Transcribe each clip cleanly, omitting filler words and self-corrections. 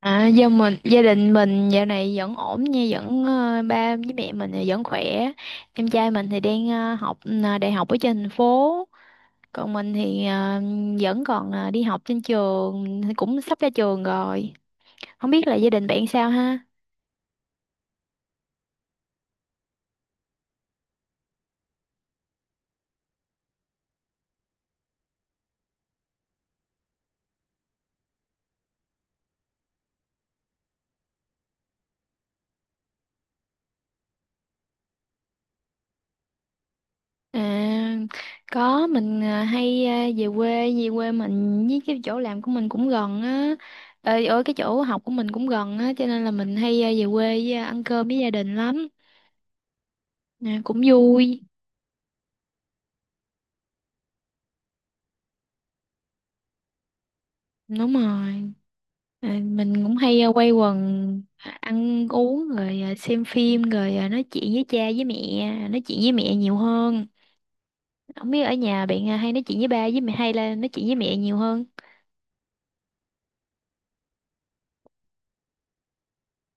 À, do gia đình mình dạo này vẫn ổn nha, vẫn ba với mẹ mình thì vẫn khỏe. Em trai mình thì đang học đại học ở trên thành phố, còn mình thì vẫn còn đi học trên trường, cũng sắp ra trường rồi. Không biết là gia đình bạn sao ha? À, có mình hay về quê mình với cái chỗ làm của mình cũng gần á. Ờ, ở cái chỗ học của mình cũng gần á, cho nên là mình hay về quê ăn cơm với gia đình lắm. À, cũng vui. Đúng rồi. À, mình cũng hay quay quần, ăn uống rồi, xem phim rồi, nói chuyện với cha với mẹ, nói chuyện với mẹ nhiều hơn. Không biết ở nhà bạn hay nói chuyện với ba với mẹ hay là nói chuyện với mẹ nhiều hơn?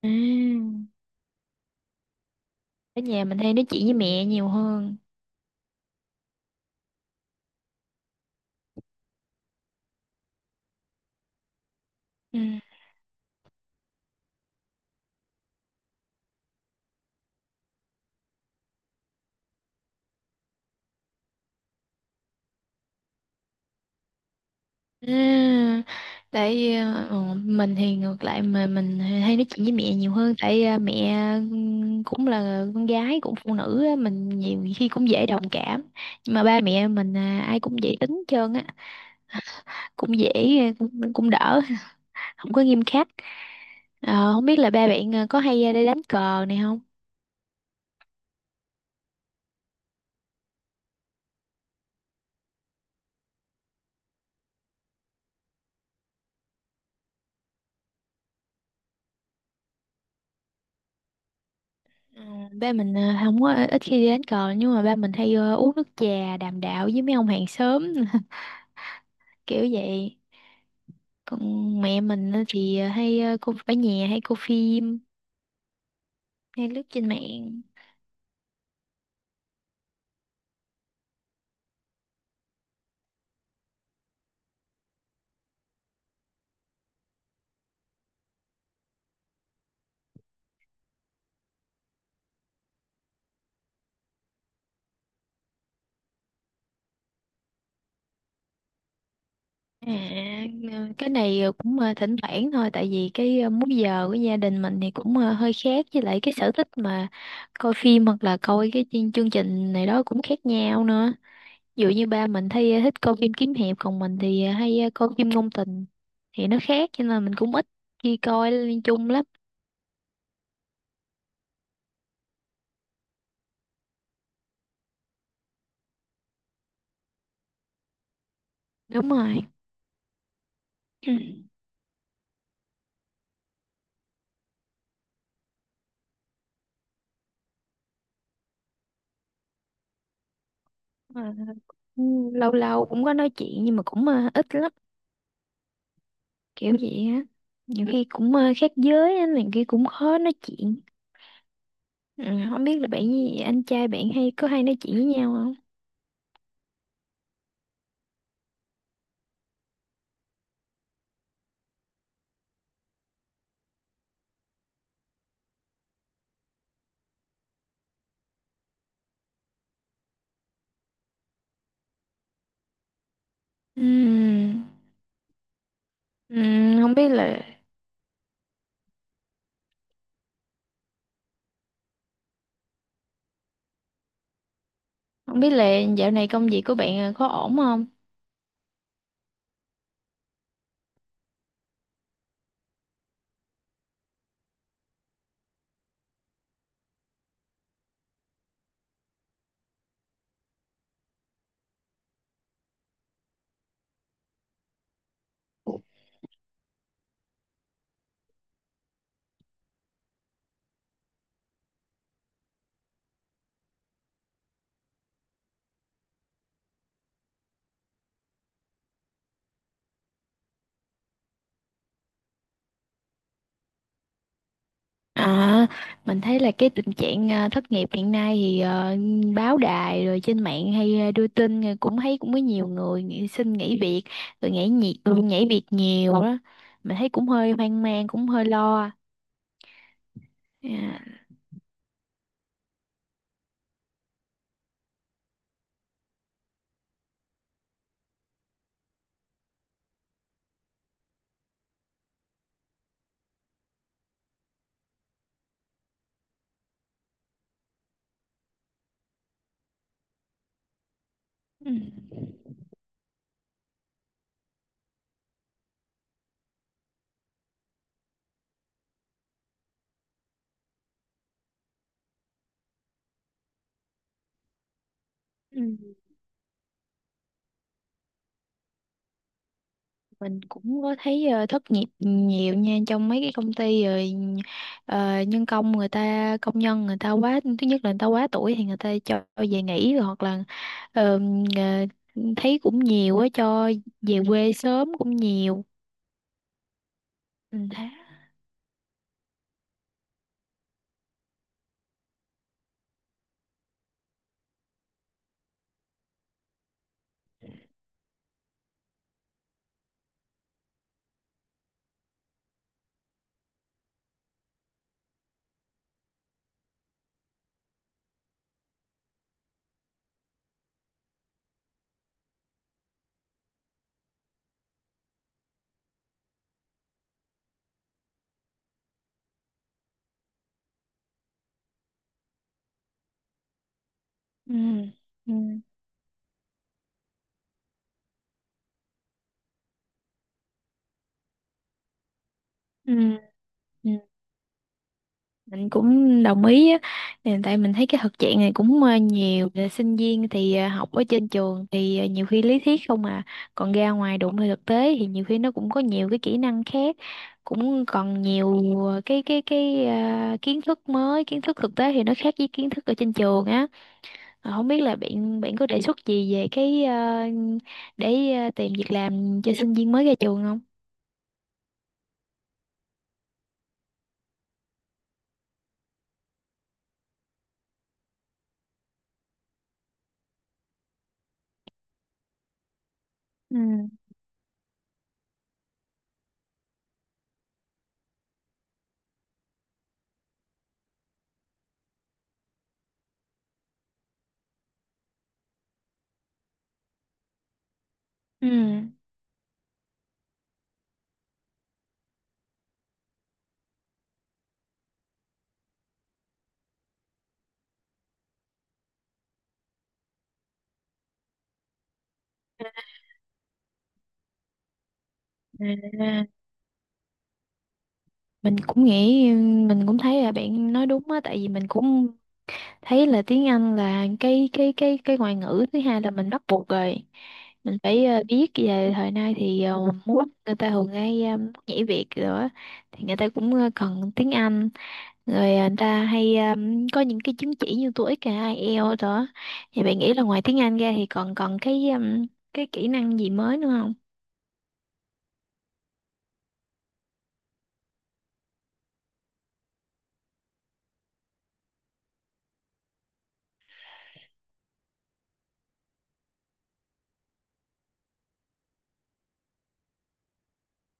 À, ở nhà mình hay nói chuyện với mẹ nhiều hơn. Ừ. À, tại vì, mình thì ngược lại, mà mình hay nói chuyện với mẹ nhiều hơn tại mẹ cũng là con gái, cũng phụ nữ á, mình nhiều khi cũng dễ đồng cảm. Nhưng mà ba mẹ mình ai cũng dễ tính hết trơn á, cũng dễ, cũng đỡ, không có nghiêm khắc. Ờ, không biết là ba bạn có hay đi đánh cờ này không? Ờ, ba mình không có, ít khi đi đánh cờ, nhưng mà ba mình hay uống nước trà đàm đạo với mấy ông hàng xóm kiểu vậy. Còn mẹ mình á thì hay cô ở nhà hay cô phim, hay lướt trên mạng. À, cái này cũng thỉnh thoảng thôi, tại vì cái múi giờ của gia đình mình thì cũng hơi khác, với lại cái sở thích mà coi phim hoặc là coi cái chương chương trình này đó cũng khác nhau nữa. Ví dụ như ba mình thấy thích coi phim kiếm hiệp, còn mình thì hay coi phim ngôn tình, thì nó khác, cho nên là mình cũng ít khi coi liên chung lắm. Đúng rồi. Ừ. Ờ, lâu lâu cũng có nói chuyện nhưng mà cũng ít lắm, kiểu vậy á. Nhiều khi cũng khác giới á, này kia cũng khó nói chuyện. Ừ, không biết là bạn với anh trai bạn hay có hay nói chuyện với nhau không? Ừm. ừm, không biết là Không biết là dạo này công việc của bạn có ổn không? À, mình thấy là cái tình trạng thất nghiệp hiện nay thì báo đài rồi trên mạng hay đưa tin, rồi cũng thấy cũng có nhiều người nghỉ, xin nghỉ việc rồi nhảy việc, nhảy việc nhiều đó. Mình thấy cũng hơi hoang mang, cũng hơi lo. À. Ừ. Ừ. Mình cũng có thấy thất nghiệp nhiều nha, trong mấy cái công ty rồi ờ, nhân công người ta công nhân người ta quá, thứ nhất là người ta quá tuổi thì người ta cho về nghỉ, rồi hoặc là ờ, ờ, thấy cũng nhiều á, cho về quê sớm cũng nhiều, mình thấy. Ừ. Ừ. Ừ. Ừ. Mình cũng đồng ý á. Ừ, tại mình thấy cái thực trạng này cũng nhiều. Là sinh viên thì học ở trên trường thì nhiều khi lý thuyết không à, còn ra ngoài đụng vào thực tế thì nhiều khi nó cũng có nhiều cái kỹ năng khác, cũng còn nhiều cái kiến thức mới, kiến thức thực tế thì nó khác với kiến thức ở trên trường á. Ờ, không biết là bạn bạn có đề xuất gì về cái để tìm việc làm cho sinh viên mới ra trường không? Ừ. Ừ. À, mình cũng nghĩ, mình cũng thấy là bạn nói đúng á, tại vì mình cũng thấy là tiếng Anh là cái ngoại ngữ thứ hai là mình bắt buộc rồi, mình phải biết. Về thời nay thì muốn, người ta thường hay nhảy việc rồi á, thì người ta cũng cần tiếng Anh, rồi người ta hay có những cái chứng chỉ như TOEIC hay IELTS đó. Thì bạn nghĩ là ngoài tiếng Anh ra thì còn còn cái cái kỹ năng gì mới nữa không?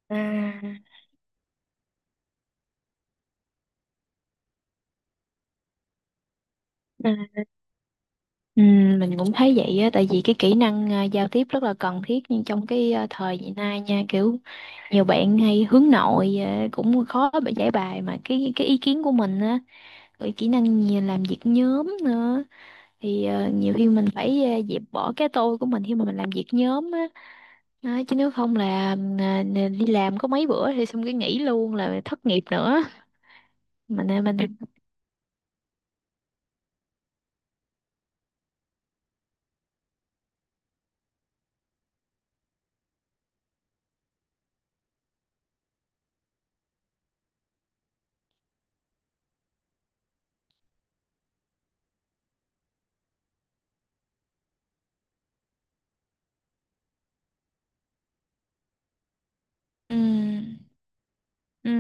À. ừ, Ừ, mình cũng thấy vậy á, tại vì cái kỹ năng giao tiếp rất là cần thiết, nhưng trong cái thời hiện nay nha, kiểu nhiều bạn hay hướng nội cũng khó bị giải bài mà cái ý kiến của mình á, rồi kỹ năng nhiều, làm việc nhóm nữa, thì nhiều khi mình phải dẹp bỏ cái tôi của mình khi mà mình làm việc nhóm á. Đó, chứ nếu không là đi làm có mấy bữa thì xong cái nghỉ luôn, là thất nghiệp nữa. Mình. Ừ. Ừ.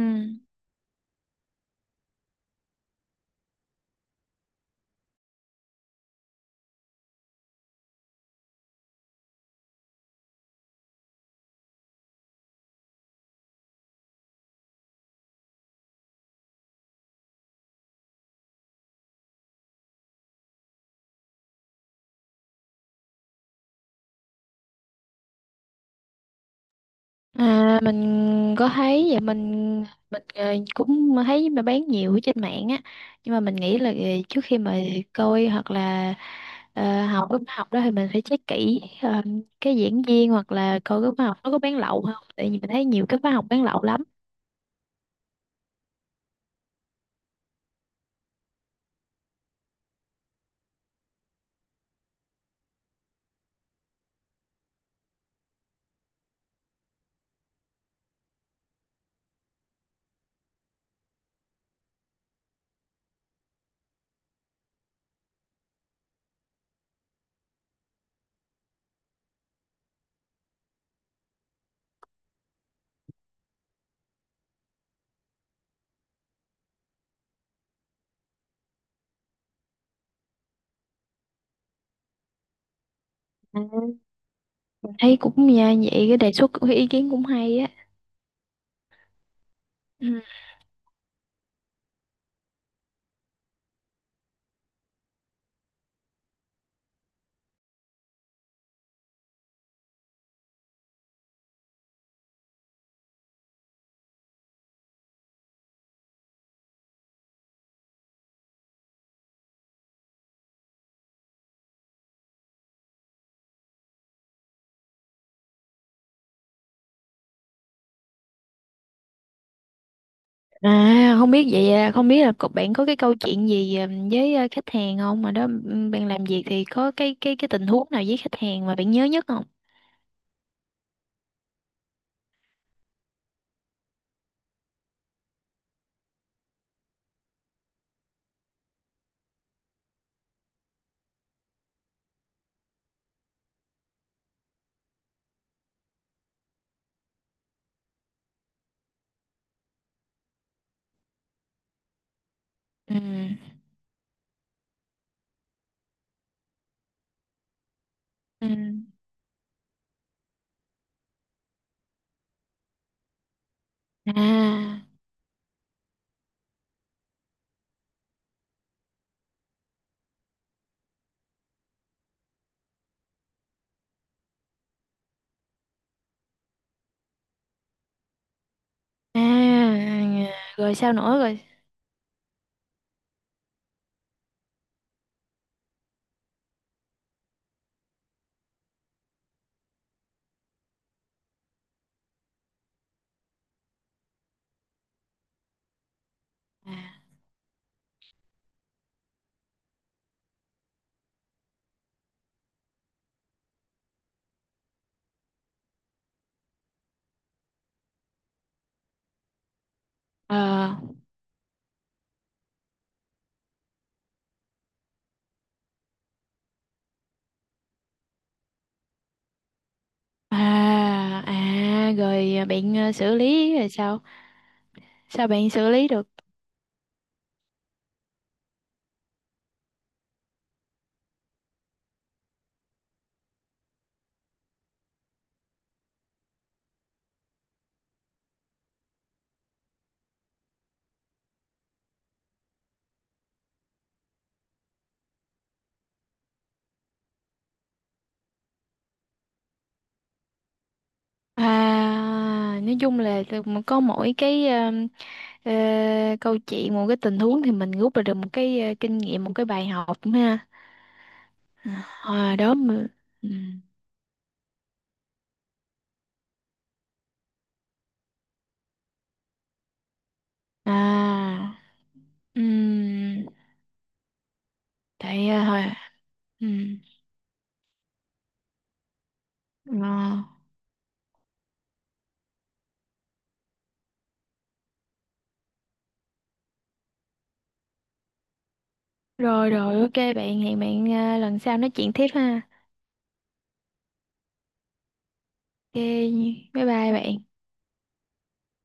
À, mình có thấy vậy. Mình cũng thấy mà bán nhiều ở trên mạng á, nhưng mà mình nghĩ là trước khi mà coi hoặc là học lớp học đó thì mình phải check kỹ cái diễn viên hoặc là coi cái khóa học nó có bán lậu không, tại vì mình thấy nhiều cái khóa học bán lậu lắm. À, thấy cũng nha, vậy cái đề xuất, cái ý kiến cũng hay á. Ừ. À, không biết vậy không biết là cậu bạn có cái câu chuyện gì với khách hàng không, mà đó ừ, bạn làm việc thì có cái tình huống nào với khách hàng mà bạn nhớ nhất không? Ừ. Ừ. À. À. À, rồi sao nữa rồi? À. Ờ. À. À, rồi bạn xử lý rồi sao? Sao bạn xử lý được? À nói chung là từ- mà có mỗi cái ờ, câu chuyện, một cái tình huống thì mình rút ra được một cái kinh nghiệm, một cái bài học ha. À, đó mà. Ừ. À. Ừ. Tại hồi. Ừ. Rồi rồi, ok bạn, hẹn bạn lần sau nói chuyện tiếp ha. Ok, bye bye bạn.